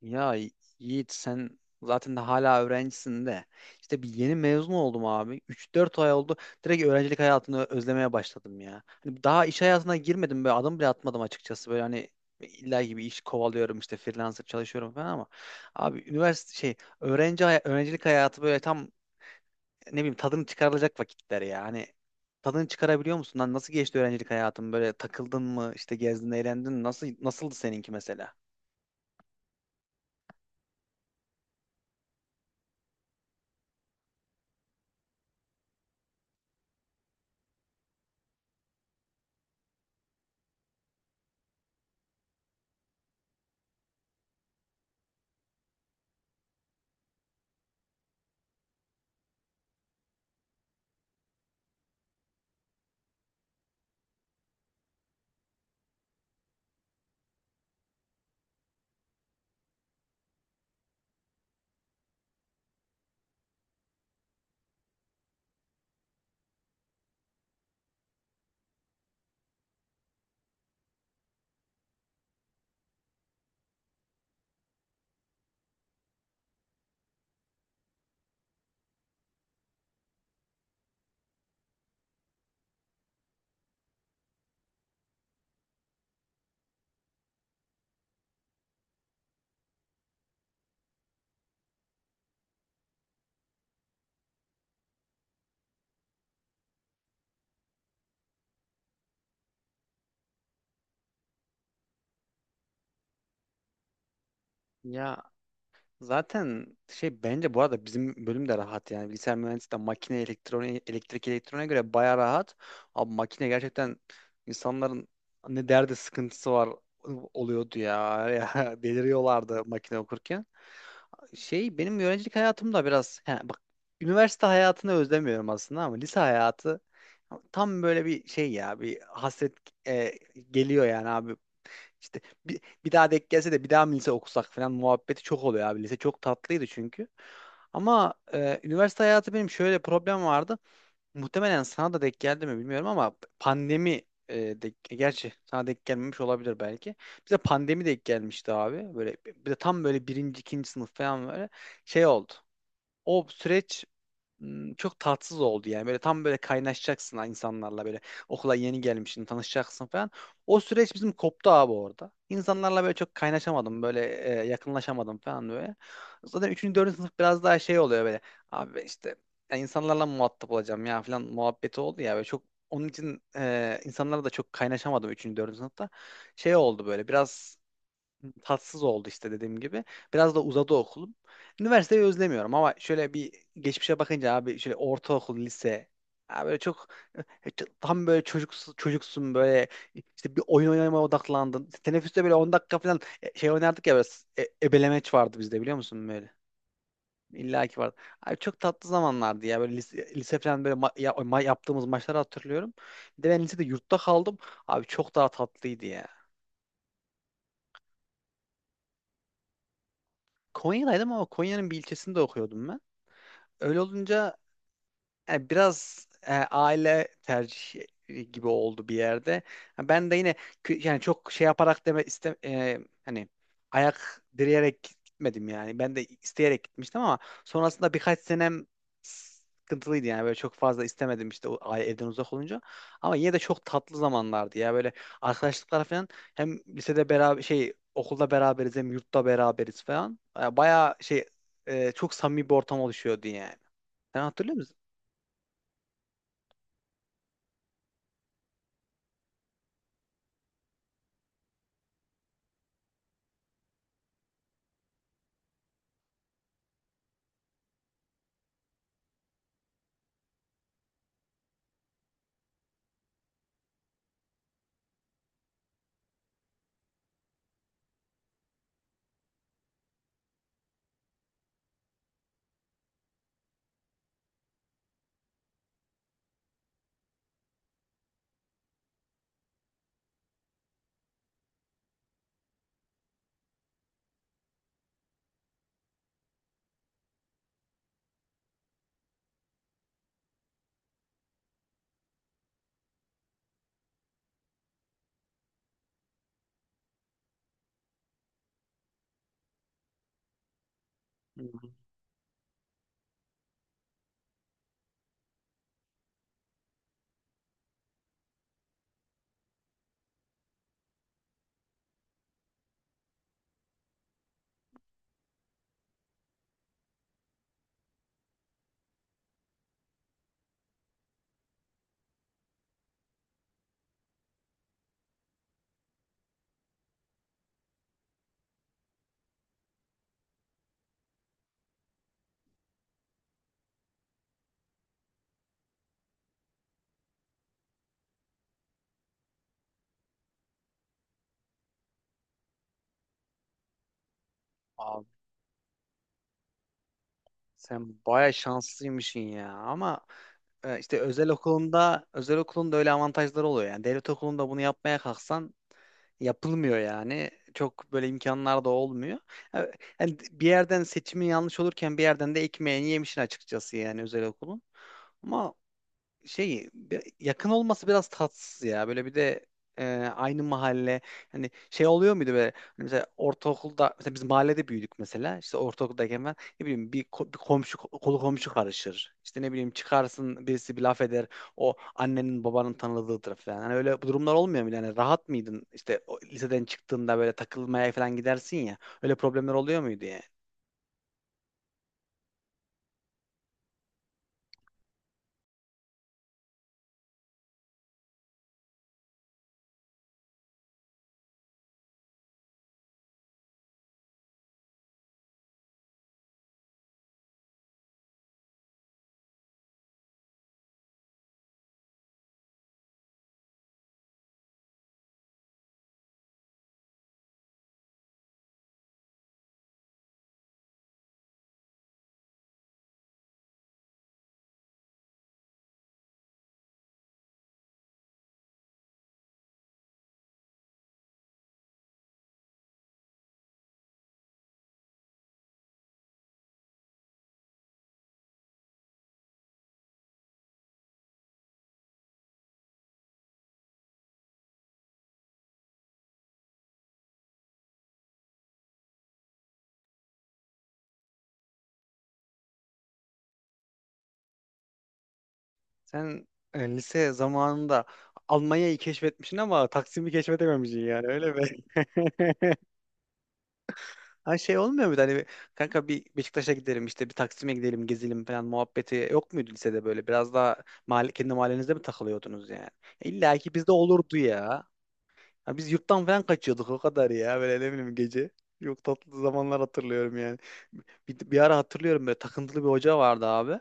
Ya Yiğit, sen zaten de hala öğrencisin de. İşte bir yeni mezun oldum abi. 3-4 ay oldu. Direkt öğrencilik hayatını özlemeye başladım ya. Hani daha iş hayatına girmedim, böyle adım bile atmadım açıkçası. Böyle hani illa gibi iş kovalıyorum, işte freelancer çalışıyorum falan ama abi üniversite öğrencilik hayatı böyle tam ne bileyim tadını çıkarılacak vakitler ya. Hani tadını çıkarabiliyor musun? Lan nasıl geçti öğrencilik hayatın? Böyle takıldın mı? İşte gezdin, eğlendin mi? Nasıldı seninki mesela? Ya zaten bence bu arada bizim bölüm de rahat yani. Bilgisayar mühendisliği de makine, elektronik, elektrik elektroniğe göre baya rahat. Abi makine gerçekten insanların ne derdi sıkıntısı var oluyordu ya. Ya deliriyorlardı makine okurken. Benim öğrencilik hayatım da biraz bak, üniversite hayatını özlemiyorum aslında ama lise hayatı tam böyle bir şey ya, bir hasret e, geliyor yani abi. İşte bir daha denk gelse de bir daha mı lise okusak falan muhabbeti çok oluyor abi. Lise çok tatlıydı çünkü. Ama üniversite hayatı benim şöyle problem vardı. Muhtemelen sana da denk geldi mi bilmiyorum ama pandemi e, gerçi sana denk gelmemiş olabilir belki. Bize pandemi denk gelmişti abi. Böyle bir de tam böyle birinci, ikinci sınıf falan böyle şey oldu. O süreç çok tatsız oldu yani. Böyle tam böyle kaynaşacaksın ha insanlarla, böyle okula yeni gelmişsin, tanışacaksın falan. O süreç bizim koptu abi orada. İnsanlarla böyle çok kaynaşamadım, böyle yakınlaşamadım falan böyle. Zaten üçüncü dördüncü sınıf biraz daha şey oluyor böyle. Abi işte ya insanlarla muhatap olacağım ya falan muhabbeti oldu ya böyle çok. Onun için insanlarla da çok kaynaşamadım üçüncü dördüncü sınıfta. Şey oldu böyle biraz, tatsız oldu işte dediğim gibi. Biraz da uzadı okulum. Üniversiteyi özlemiyorum ama şöyle bir geçmişe bakınca abi, şöyle ortaokul, lise ya böyle çok, tam böyle çocuksun, çocuksun böyle, işte bir oyun oynamaya odaklandın. Teneffüste böyle 10 dakika falan oynardık ya böyle. Ebelemeç vardı bizde, biliyor musun böyle. İlla ki vardı. Abi çok tatlı zamanlardı ya. Böyle lise, lise falan böyle yaptığımız maçları hatırlıyorum. Bir de ben lisede yurtta kaldım. Abi çok daha tatlıydı ya. Konya'daydım ama Konya'nın bir ilçesinde okuyordum ben. Öyle olunca biraz aile tercihi gibi oldu bir yerde. Ha, ben de yine yani çok şey yaparak deme iste hani ayak direyerek gitmedim yani. Ben de isteyerek gitmiştim ama sonrasında birkaç senem sıkıntılıydı yani, böyle çok fazla istemedim işte o aile evden uzak olunca. Ama yine de çok tatlı zamanlardı ya, böyle arkadaşlıklar falan. Hem lisede beraber, okulda beraberiz, hem yurtta beraberiz falan. Bayağı çok samimi bir ortam oluşuyordu yani. Sen hatırlıyor musun? Hı hı. Abi sen baya şanslıymışsın ya. Ama işte özel okulunda, özel okulun da öyle avantajları oluyor. Yani devlet okulunda bunu yapmaya kalksan yapılmıyor yani. Çok böyle imkanlar da olmuyor. E, Yani bir yerden seçimi yanlış olurken bir yerden de ekmeğini yemişsin açıkçası yani, özel okulun. Ama yakın olması biraz tatsız ya. Böyle bir de e, aynı mahalle, hani şey oluyor muydu böyle, hani mesela ortaokulda, mesela biz mahallede büyüdük, mesela işte ortaokuldayken ben ne bileyim bir komşu, kolu komşu karışır. İşte ne bileyim çıkarsın, birisi bir laf eder, o annenin babanın tanıdığıdır falan. Hani öyle bu durumlar olmuyor mu? Yani rahat mıydın işte, o liseden çıktığında böyle takılmaya falan gidersin ya, öyle problemler oluyor muydu yani? Sen lise zamanında Almanya'yı keşfetmişsin ama Taksim'i keşfedememişsin yani, öyle mi? Ha, şey olmuyor muydu hani kanka, bir Beşiktaş'a gidelim, işte bir Taksim'e gidelim, gezelim falan muhabbeti yok muydu lisede böyle? Biraz daha mahalle, kendi mahallenizde mi takılıyordunuz yani? İlla ki bizde olurdu ya. Ya biz yurttan falan kaçıyorduk o kadar ya, böyle ne bileyim gece. Yok, tatlı zamanlar hatırlıyorum yani. Bir ara hatırlıyorum böyle, takıntılı bir hoca vardı abi.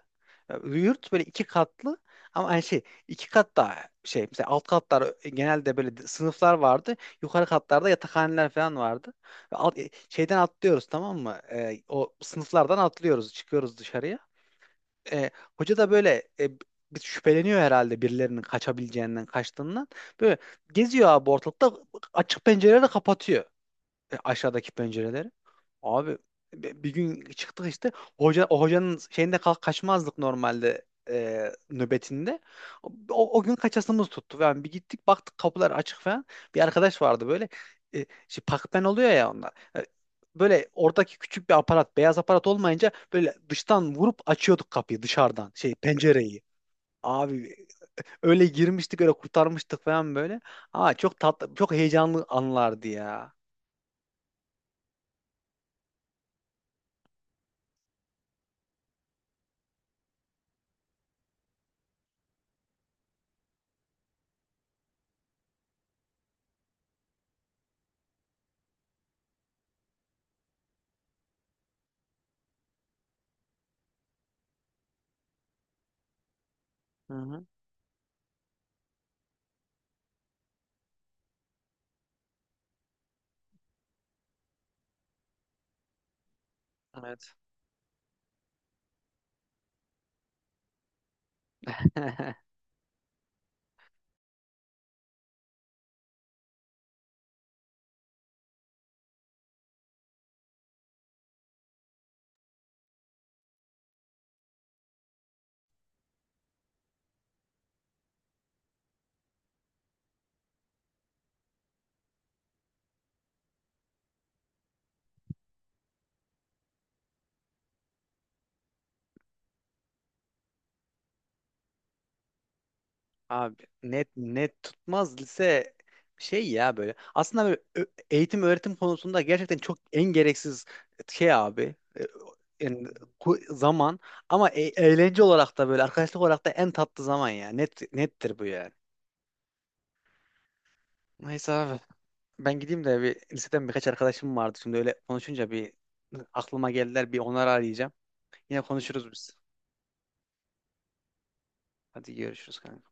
Ya, yurt böyle 2 katlı ama hani şey, 2 katta mesela alt katlar genelde böyle sınıflar vardı. Yukarı katlarda yatakhaneler falan vardı. Ve şeyden atlıyoruz, tamam mı? O sınıflardan atlıyoruz, çıkıyoruz dışarıya. e, Hoca da böyle bir şüpheleniyor herhalde birilerinin kaçabileceğinden, kaçtığından. Böyle geziyor abi ortalıkta, açık pencereleri kapatıyor, aşağıdaki pencereleri. Abi bir gün çıktık işte. O hocanın şeyinde, kaçmazdık normalde nöbetinde. O gün kaçasımız tuttu. Yani bir gittik, baktık kapılar açık falan. Bir arkadaş vardı böyle, pakpen oluyor ya onlar. E, Böyle oradaki küçük bir aparat, beyaz aparat olmayınca böyle dıştan vurup açıyorduk kapıyı dışarıdan, pencereyi. Abi öyle girmiştik, öyle kurtarmıştık falan böyle. Aa, çok tatlı, çok heyecanlı anlardı ya. Hı hı. Evet. Abi net net tutmaz lise ya böyle. Aslında böyle eğitim öğretim konusunda gerçekten çok en gereksiz şey abi. E, Yani zaman, ama eğlence olarak da, böyle arkadaşlık olarak da en tatlı zaman ya. Net nettir bu yani. Neyse abi, ben gideyim de bir liseden birkaç arkadaşım vardı, şimdi öyle konuşunca bir aklıma geldiler. Bir onları arayacağım. Yine konuşuruz biz. Hadi görüşürüz kanka.